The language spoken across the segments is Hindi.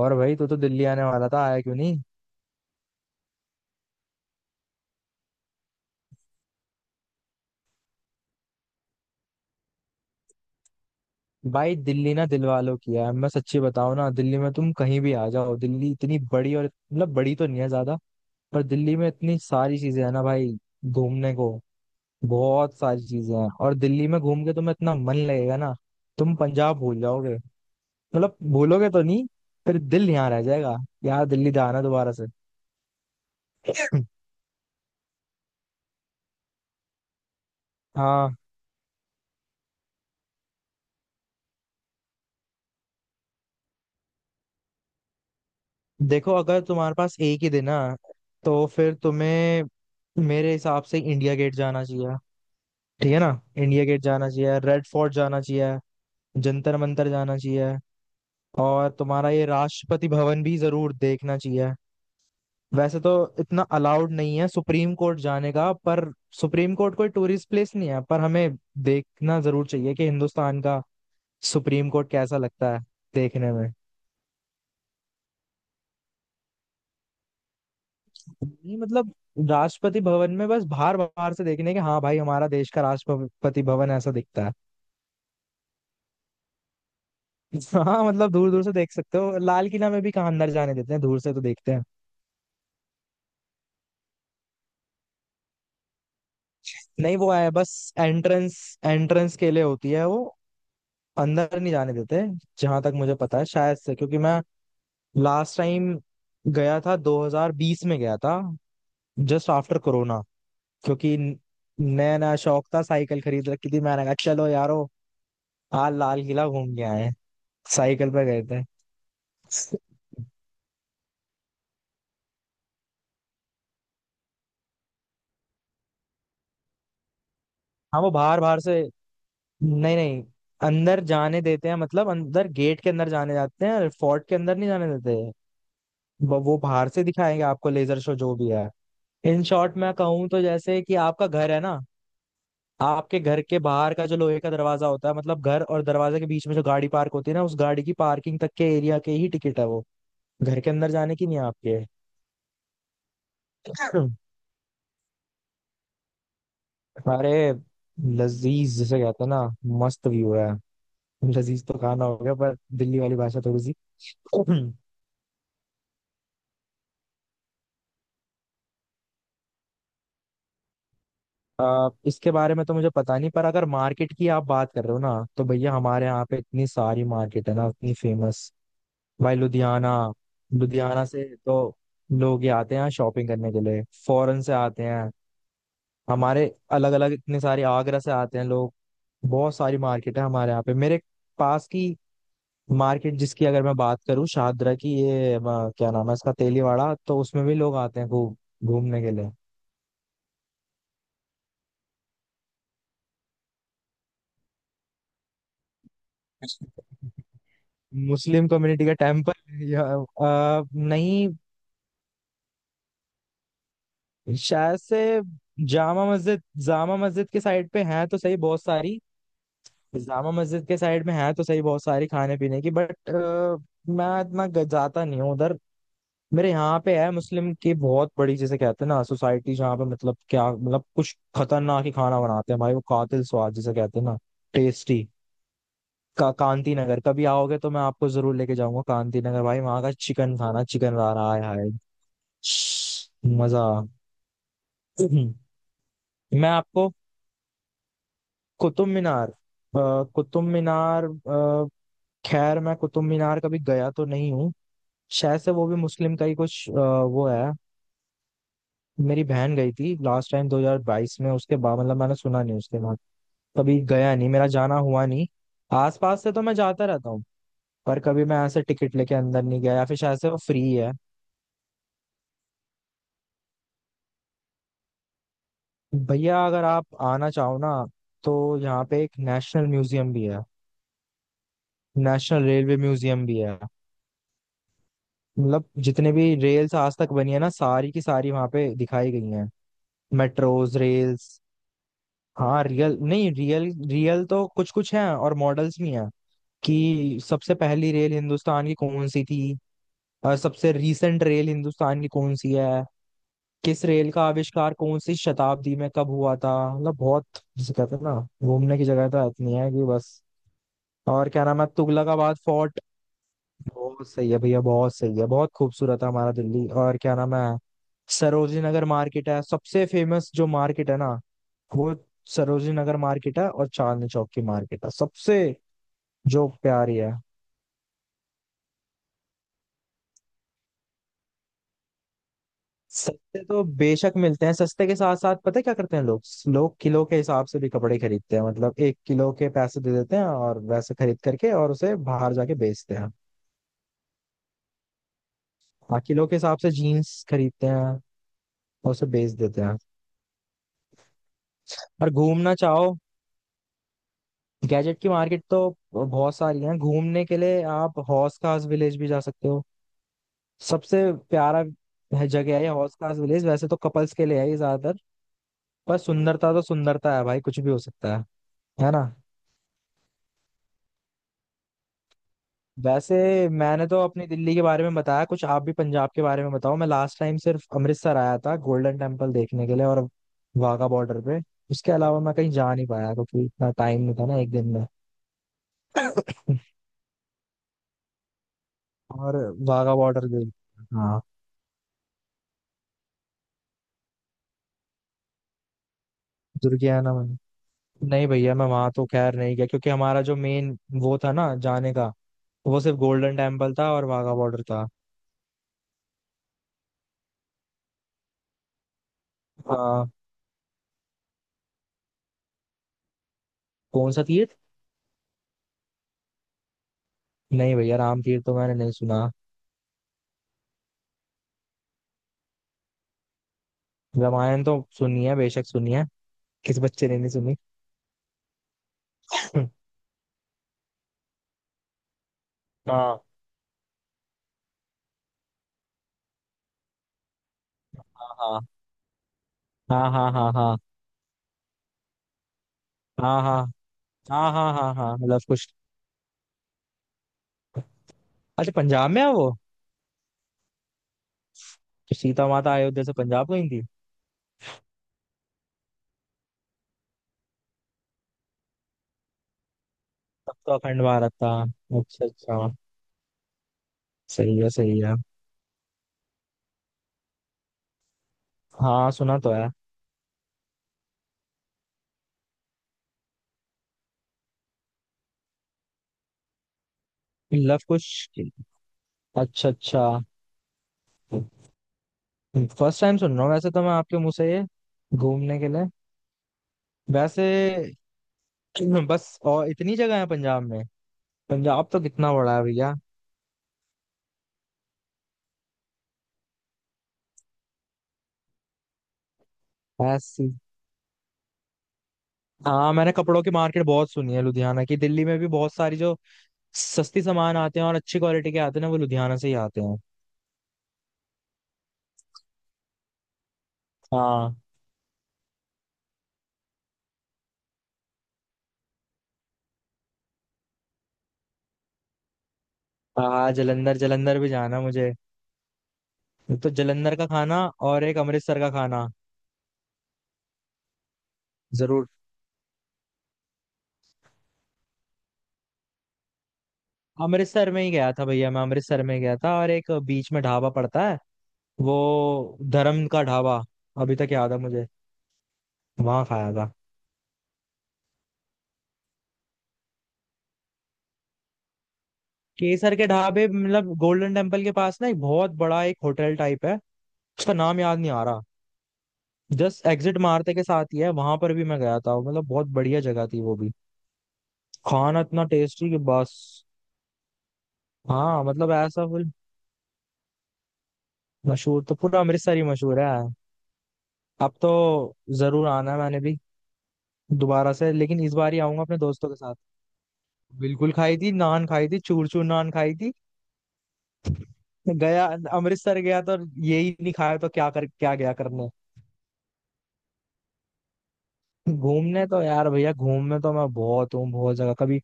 और भाई तू तो दिल्ली आने वाला था आया क्यों नहीं। भाई दिल्ली ना दिल वालों की है। मैं सच्ची बताऊं ना दिल्ली में तुम कहीं भी आ जाओ। दिल्ली इतनी बड़ी और मतलब बड़ी तो नहीं है ज्यादा। पर दिल्ली में इतनी सारी चीजें है ना भाई घूमने को। बहुत सारी चीजें हैं और दिल्ली में घूम के तुम्हें इतना मन लगेगा ना। तुम पंजाब भूल जाओगे। मतलब भूलोगे तो नहीं। फिर दिल यहाँ रह जाएगा। यार दिल्ली जाना दोबारा से। हाँ। देखो अगर तुम्हारे पास एक ही दिन है तो फिर तुम्हें मेरे हिसाब से इंडिया गेट जाना चाहिए। ठीक है ना। इंडिया गेट जाना चाहिए। रेड फोर्ट जाना चाहिए। जंतर मंतर जाना चाहिए। और तुम्हारा ये राष्ट्रपति भवन भी जरूर देखना चाहिए। वैसे तो इतना अलाउड नहीं है सुप्रीम कोर्ट जाने का। पर सुप्रीम कोर्ट कोई टूरिस्ट प्लेस नहीं है, पर हमें देखना जरूर चाहिए कि हिंदुस्तान का सुप्रीम कोर्ट कैसा लगता है देखने में। नहीं मतलब राष्ट्रपति भवन में बस बाहर बाहर से देखने के। हाँ भाई, हमारा देश का राष्ट्रपति भवन ऐसा दिखता है। हाँ मतलब दूर दूर से देख सकते हो। लाल किला में भी कहाँ अंदर जाने देते हैं। दूर से तो देखते हैं। नहीं, वो है बस एंट्रेंस। एंट्रेंस के लिए होती है वो। अंदर नहीं जाने देते जहां तक मुझे पता है शायद से। क्योंकि मैं लास्ट टाइम गया था 2020 में गया था। Just after corona. क्योंकि नया नया शौक था, साइकिल खरीद रखी थी। मैंने कहा चलो यारो आज लाल किला घूम के आए हैं।" साइकिल पे गए थे। हाँ वो बाहर बाहर से। नहीं नहीं अंदर जाने देते हैं मतलब अंदर गेट के अंदर जाने जाते हैं। फोर्ट के अंदर नहीं जाने देते। वो बाहर से दिखाएंगे आपको लेजर शो जो भी है। इन शॉर्ट मैं कहूँ तो जैसे कि आपका घर है ना। आपके घर के बाहर का जो लोहे का दरवाजा होता है मतलब घर और दरवाजे के बीच में जो गाड़ी पार्क होती है ना, उस गाड़ी की पार्किंग तक के एरिया के ही टिकट है वो। घर के अंदर जाने की नहीं है आपके। अरे, लजीज जिसे कहते हैं ना। मस्त व्यू है। लजीज तो खाना हो गया पर दिल्ली वाली भाषा थोड़ी। इसके बारे में तो मुझे पता नहीं। पर अगर मार्केट की आप बात कर रहे हो ना तो भैया हमारे यहाँ पे इतनी सारी मार्केट है ना, इतनी फेमस। भाई लुधियाना। लुधियाना से तो लोग ये आते हैं यहाँ शॉपिंग करने के लिए। फॉरेन से आते हैं हमारे। अलग अलग इतने सारे, आगरा से आते हैं लोग। बहुत सारी मार्केट है हमारे यहाँ पे। मेरे पास की मार्केट जिसकी अगर मैं बात करूँ, शाहदरा की, ये क्या नाम है इसका, तेलीवाड़ा। तो उसमें भी लोग आते हैं खूब घूमने के लिए। मुस्लिम कम्युनिटी का टेम्पल या? नहीं, शायद से जामा मस्जिद। जामा मस्जिद के साइड पे है तो सही, बहुत सारी। जामा मस्जिद के साइड में है तो सही बहुत सारी खाने पीने की। बट मैं इतना जाता नहीं हूँ उधर। मेरे यहाँ पे है मुस्लिम की बहुत बड़ी, जैसे कहते हैं ना, सोसाइटी, जहाँ पे मतलब क्या, मतलब कुछ खतरनाक ही खाना बनाते हैं भाई। वो कातिल स्वाद जिसे कहते हैं ना, टेस्टी का। कांति नगर कभी आओगे तो मैं आपको जरूर लेके जाऊंगा। कांति नगर भाई, वहां का चिकन खाना, चिकन रहा रहा है मजा। मैं आपको कुतुब मीनार, कुतुब मीनार, खैर मैं कुतुब मीनार कभी गया तो नहीं हूँ। शायद से वो भी मुस्लिम का ही कुछ वो है। मेरी बहन गई थी लास्ट टाइम 2022 में। उसके बाद मतलब मैंने सुना नहीं। उसके बाद कभी गया नहीं, मेरा जाना हुआ नहीं। आसपास से तो मैं जाता रहता हूँ, पर कभी मैं ऐसे टिकट लेके अंदर नहीं गया, या फिर शायद से वो फ्री है। भैया अगर आप आना चाहो ना, तो यहाँ पे एक नेशनल म्यूजियम भी है। नेशनल रेलवे म्यूजियम भी है। मतलब जितने भी रेल्स आज तक बनी है ना, सारी की सारी वहां पे दिखाई गई हैं। Metros, rails. हाँ रियल, नहीं रियल। रियल तो कुछ कुछ हैं और मॉडल्स भी हैं, कि सबसे पहली रेल हिंदुस्तान की कौन सी थी। और सबसे रीसेंट रेल हिंदुस्तान की कौन सी है। किस रेल का आविष्कार कौन सी शताब्दी में कब हुआ था, मतलब बहुत, जिसे कहते हैं ना, घूमने की जगह तो इतनी है कि बस। और क्या नाम है, तुगलकाबाद फोर्ट। बहुत सही है भैया, बहुत सही है, बहुत खूबसूरत है हमारा दिल्ली। और क्या नाम है, सरोजिनी नगर मार्केट है। सबसे फेमस जो मार्केट है ना, वो सरोजिनी नगर मार्केट है। और चांदनी चौक की मार्केट है सबसे जो प्यारी है। सस्ते तो बेशक मिलते हैं। सस्ते के साथ साथ पता है क्या करते हैं लोग। लोग किलो के हिसाब से भी कपड़े खरीदते हैं। मतलब एक किलो के पैसे दे देते हैं और वैसे खरीद करके और उसे बाहर जाके बेचते हैं। हाँ किलो के हिसाब से जीन्स खरीदते हैं और उसे बेच देते हैं। और घूमना चाहो, गैजेट की मार्केट तो बहुत सारी है। घूमने के लिए आप हौस खास विलेज भी जा सकते हो। सबसे प्यारा जगह है ये हौस खास विलेज। वैसे तो कपल्स के लिए है ये ज्यादातर, पर सुंदरता तो सुंदरता है भाई, कुछ भी हो सकता है ना। वैसे मैंने तो अपनी दिल्ली के बारे में बताया कुछ, आप भी पंजाब के बारे में बताओ। मैं लास्ट टाइम सिर्फ अमृतसर आया था गोल्डन टेम्पल देखने के लिए और वाघा बॉर्डर पे। उसके अलावा मैं कहीं जा नहीं पाया क्योंकि इतना टाइम नहीं था ना एक दिन में। और वाघा बॉर्डर गई। हाँ। दुर्गियाना में नहीं भैया, मैं वहां तो खैर नहीं गया क्योंकि हमारा जो मेन वो था ना जाने का, वो सिर्फ गोल्डन टेम्पल था और वाघा बॉर्डर था। आ, कौन सा तीर्थ? नहीं भैया राम तीर्थ तो मैंने नहीं सुना। रामायण तो सुनी है, बेशक सुनी है। किस बच्चे ने नहीं सुनी। हाँ हाँ हाँ हाँ हाँ, हाँ हाँ हाँ, हाँ हाँ हाँ हाँ, मतलब कुछ। अच्छा, पंजाब में है वो। तो सीता माता अयोध्या से पंजाब गई थी। तब तो अखंड भारत था। अच्छा अच्छा, सही है सही है। हाँ सुना तो है। लव कुश, अच्छा अच्छा। फर्स्ट टाइम सुन रहा हूँ वैसे तो मैं आपके मुंह से ये, घूमने के लिए, वैसे। बस और इतनी जगह है पंजाब में? पंजाब तो कितना बड़ा है भैया। ऐसी। हाँ मैंने कपड़ों की मार्केट बहुत सुनी है लुधियाना की। दिल्ली में भी बहुत सारी जो सस्ती सामान आते हैं और अच्छी क्वालिटी के आते हैं ना, वो लुधियाना से ही आते हैं। हाँ। हाँ जलंधर, जलंधर भी जाना मुझे। तो जलंधर का खाना और एक अमृतसर का खाना। जरूर। अमृतसर में ही गया था भैया। मैं अमृतसर में गया था और एक बीच में ढाबा पड़ता है, वो धर्म का ढाबा। अभी तक याद है मुझे। वहां खाया था। केसर के ढाबे, मतलब गोल्डन टेम्पल के पास ना एक बहुत बड़ा एक होटल टाइप है, उसका नाम याद नहीं आ रहा। जस्ट एग्जिट मारते के साथ ही है, वहां पर भी मैं गया था। मतलब बहुत बढ़िया जगह थी वो भी। खाना इतना टेस्टी कि बस। हाँ मतलब ऐसा, फुल। मशहूर तो पूरा अमृतसर ही मशहूर है। अब तो जरूर आना है मैंने भी दोबारा से, लेकिन इस बार ही आऊंगा अपने दोस्तों के साथ। बिल्कुल खाई थी, नान खाई थी, चूर चूर नान खाई थी। गया अमृतसर गया तो यही नहीं खाया तो क्या कर, क्या गया करने। घूमने तो यार भैया घूमने तो मैं बहुत हूँ। बहुत जगह, कभी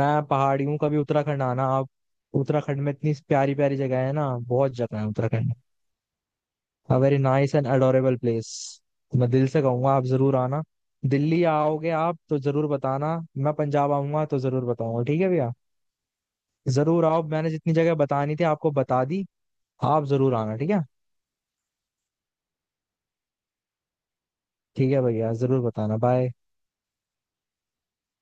मैं पहाड़ी हूँ, कभी उत्तराखंड आना आप। उत्तराखंड में इतनी प्यारी प्यारी जगह है ना, बहुत जगह है उत्तराखंड में। Very nice and adorable place. मैं दिल से कहूंगा, आप जरूर आना। दिल्ली आओगे आप तो जरूर बताना, मैं पंजाब आऊंगा तो जरूर बताऊंगा। ठीक है भैया। जरूर आओ। मैंने जितनी जगह बतानी थी आपको बता दी। आप जरूर आना ठीक है। ठीक है भैया, जरूर बताना। बाय।